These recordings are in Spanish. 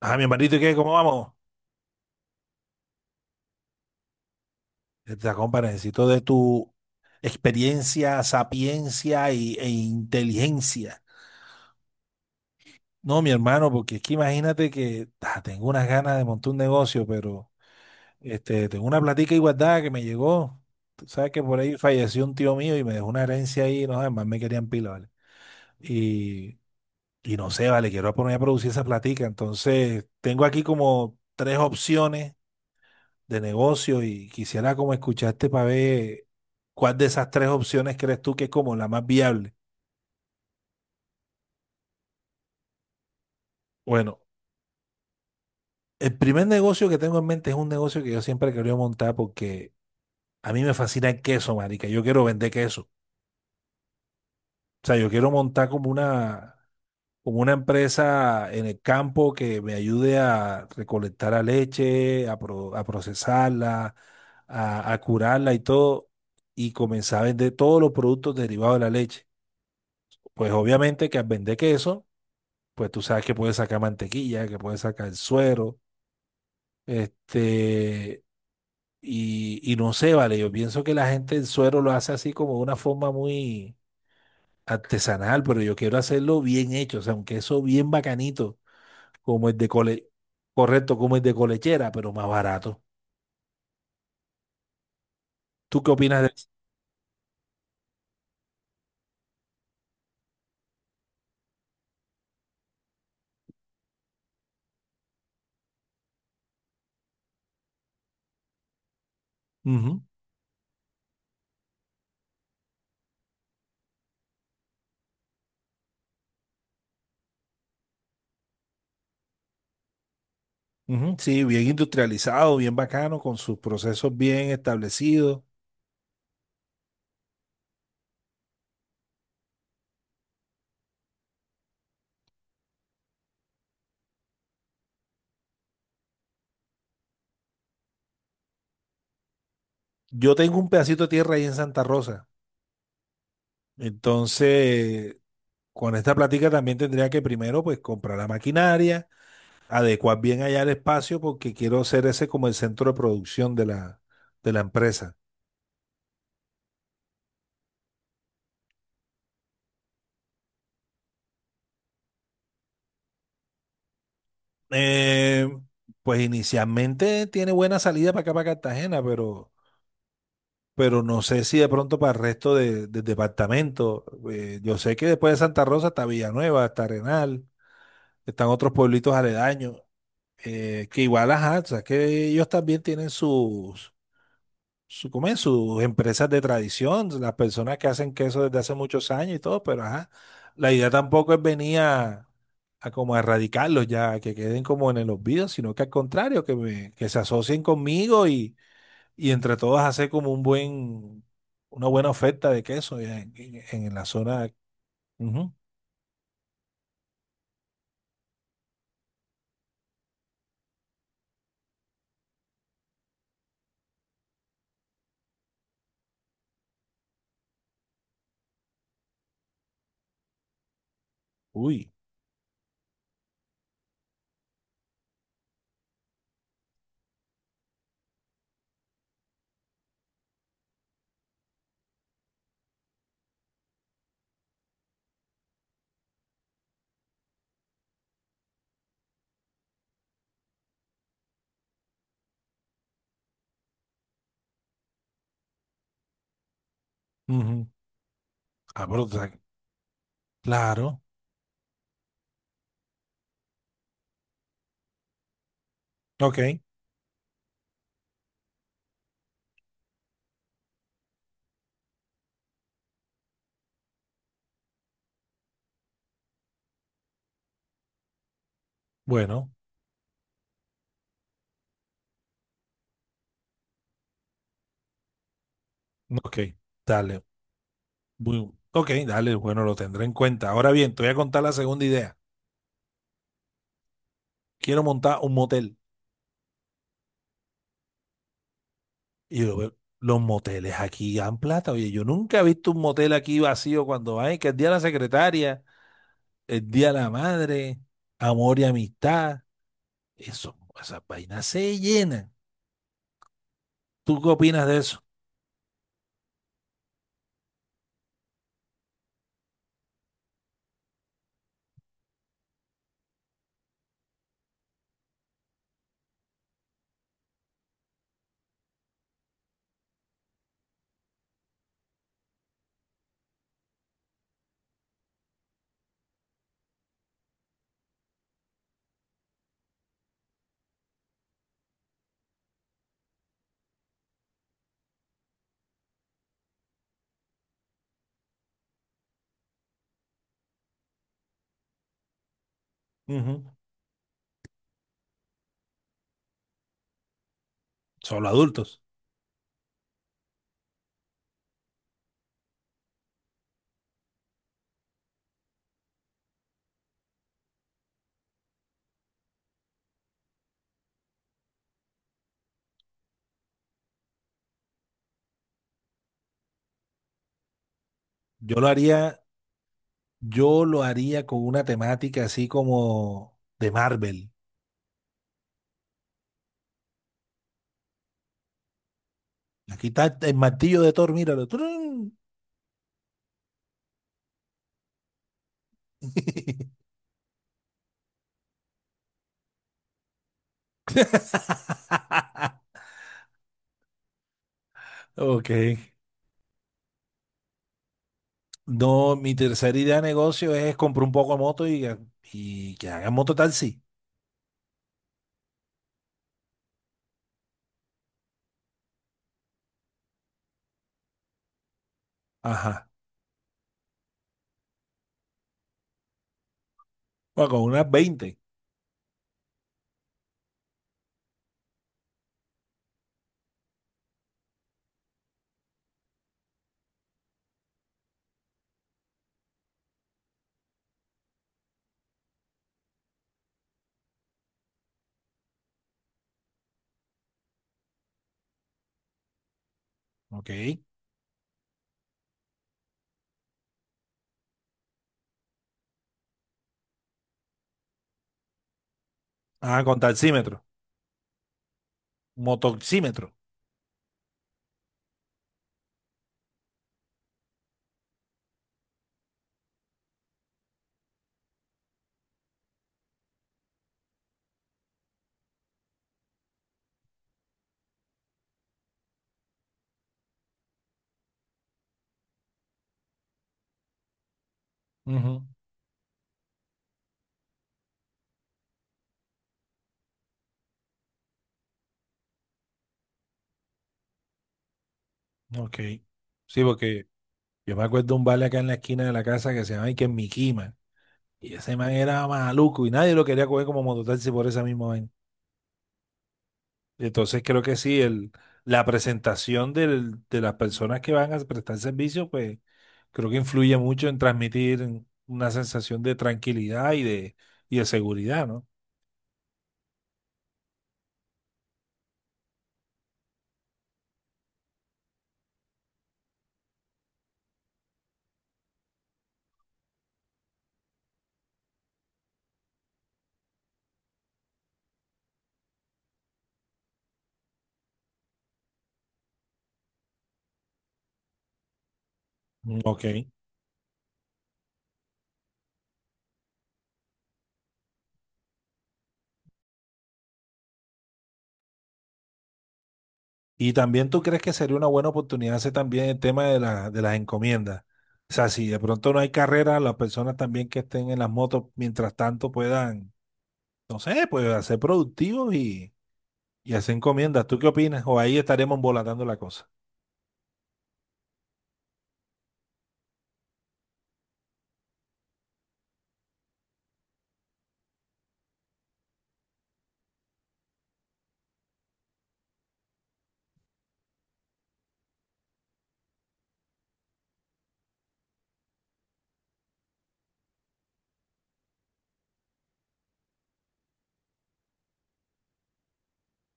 Ah, mi hermanito, ¿y qué? ¿Cómo vamos? Esta compa, necesito de tu experiencia, sapiencia e inteligencia. No, mi hermano, porque es que imagínate que tengo unas ganas de montar un negocio, pero este, tengo una platica igualdad que me llegó. Tú sabes que por ahí falleció un tío mío y me dejó una herencia ahí, no, además me querían pila, ¿vale? Y, y no sé, vale, quiero poner a producir esa platica. Entonces, tengo aquí como tres opciones de negocio y quisiera como escucharte para ver cuál de esas tres opciones crees tú que es como la más viable. Bueno, el primer negocio que tengo en mente es un negocio que yo siempre he querido montar porque a mí me fascina el queso, marica. Yo quiero vender queso. O sea, yo quiero montar como una empresa en el campo que me ayude a recolectar la leche, a, a procesarla, a curarla y todo, y comenzar a vender todos los productos derivados de la leche. Pues obviamente que al vender queso, pues tú sabes que puedes sacar mantequilla, que puedes sacar suero, este, y no sé, vale, yo pienso que la gente el suero lo hace así como de una forma muy artesanal, pero yo quiero hacerlo bien hecho, o sea, un queso bien bacanito, como el de cole, correcto, como el de colechera, pero más barato. ¿Tú qué opinas de eso? Ujú, ujú, sí, bien industrializado, bien bacano, con sus procesos bien establecidos. Yo tengo un pedacito de tierra ahí en Santa Rosa. Entonces, con esta plática también tendría que primero pues comprar la maquinaria, adecuar bien allá el espacio porque quiero ser ese como el centro de producción de la empresa. Eh, pues inicialmente tiene buena salida para acá, para Cartagena, pero no sé si de pronto para el resto de, del departamento. Yo sé que después de Santa Rosa está Villanueva, está Arenal, están otros pueblitos aledaños, que igual, ajá, o sea, que ellos también tienen sus su, ¿cómo es? Sus empresas de tradición, las personas que hacen queso desde hace muchos años y todo, pero ajá, la idea tampoco es venir a como a erradicarlos ya, que queden como en el olvido, sino que al contrario, que, que se asocien conmigo y entre todos hacer como un buen, una buena oferta de queso ya en, en la zona. Ujú. Uy, ujú. Ah, pero, o sea, claro, ok, bueno, ok, dale. Ok, dale, bueno, lo tendré en cuenta. Ahora bien, te voy a contar la segunda idea. Quiero montar un motel. Y yo veo, los moteles aquí dan plata. Oye, yo nunca he visto un motel aquí vacío cuando hay, que el día de la secretaria, el día de la madre, amor y amistad. Eso, esas vainas se llenan. ¿Tú qué opinas de eso? Ujú. Solo adultos. Yo lo haría, yo lo haría con una temática así como de Marvel. Aquí está el martillo de Thor, míralo. ¡Trun! Ok. No, mi tercera idea de negocio es comprar un poco de moto y, y que hagan mototaxi. Ajá. Bueno, con unas 20. Ok. Ah, con taxímetro. Motoxímetro. Ujú. Ok. Sí, porque yo me acuerdo de un vale acá en la esquina de la casa que se llama Iker Mikima. Y ese man era maluco y nadie lo quería coger como mototaxi por esa misma vaina. Entonces creo que sí, el, la presentación de las personas que van a prestar servicio, pues creo que influye mucho en transmitir una sensación de tranquilidad y de seguridad, ¿no? Mm, ok. Y también tú crees que sería una buena oportunidad hacer también el tema de, la, de las encomiendas. O sea, si de pronto no hay carrera, las personas también que estén en las motos, mientras tanto puedan, no sé, pues ser productivos y hacer encomiendas. ¿Tú qué opinas? O ahí estaremos embolatando la cosa.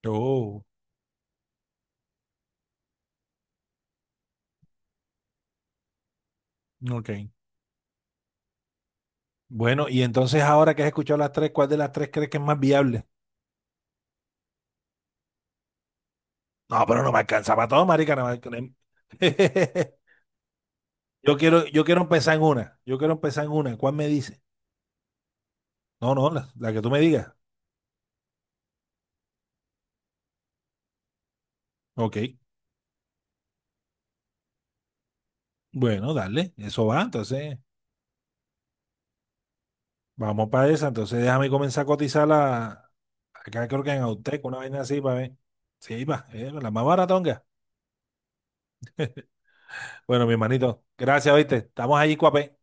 Oh, ok. Bueno, y entonces ahora que has escuchado las tres, ¿cuál de las tres crees que es más viable? No, pero no me alcanza para todo, marica. No me alcanza. Yo quiero empezar en una. Yo quiero empezar en una. ¿Cuál me dice? No, no, la que tú me digas. Ok. Bueno, dale. Eso va. Entonces, vamos para esa. Entonces, déjame comenzar a cotizar la. Acá creo que en Autec, una vaina así para ver. Sí, va. La más baratonga. Bueno, mi hermanito. Gracias, ¿viste? Estamos allí, cuapé.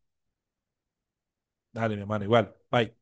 Dale, mi hermano, igual. Bye.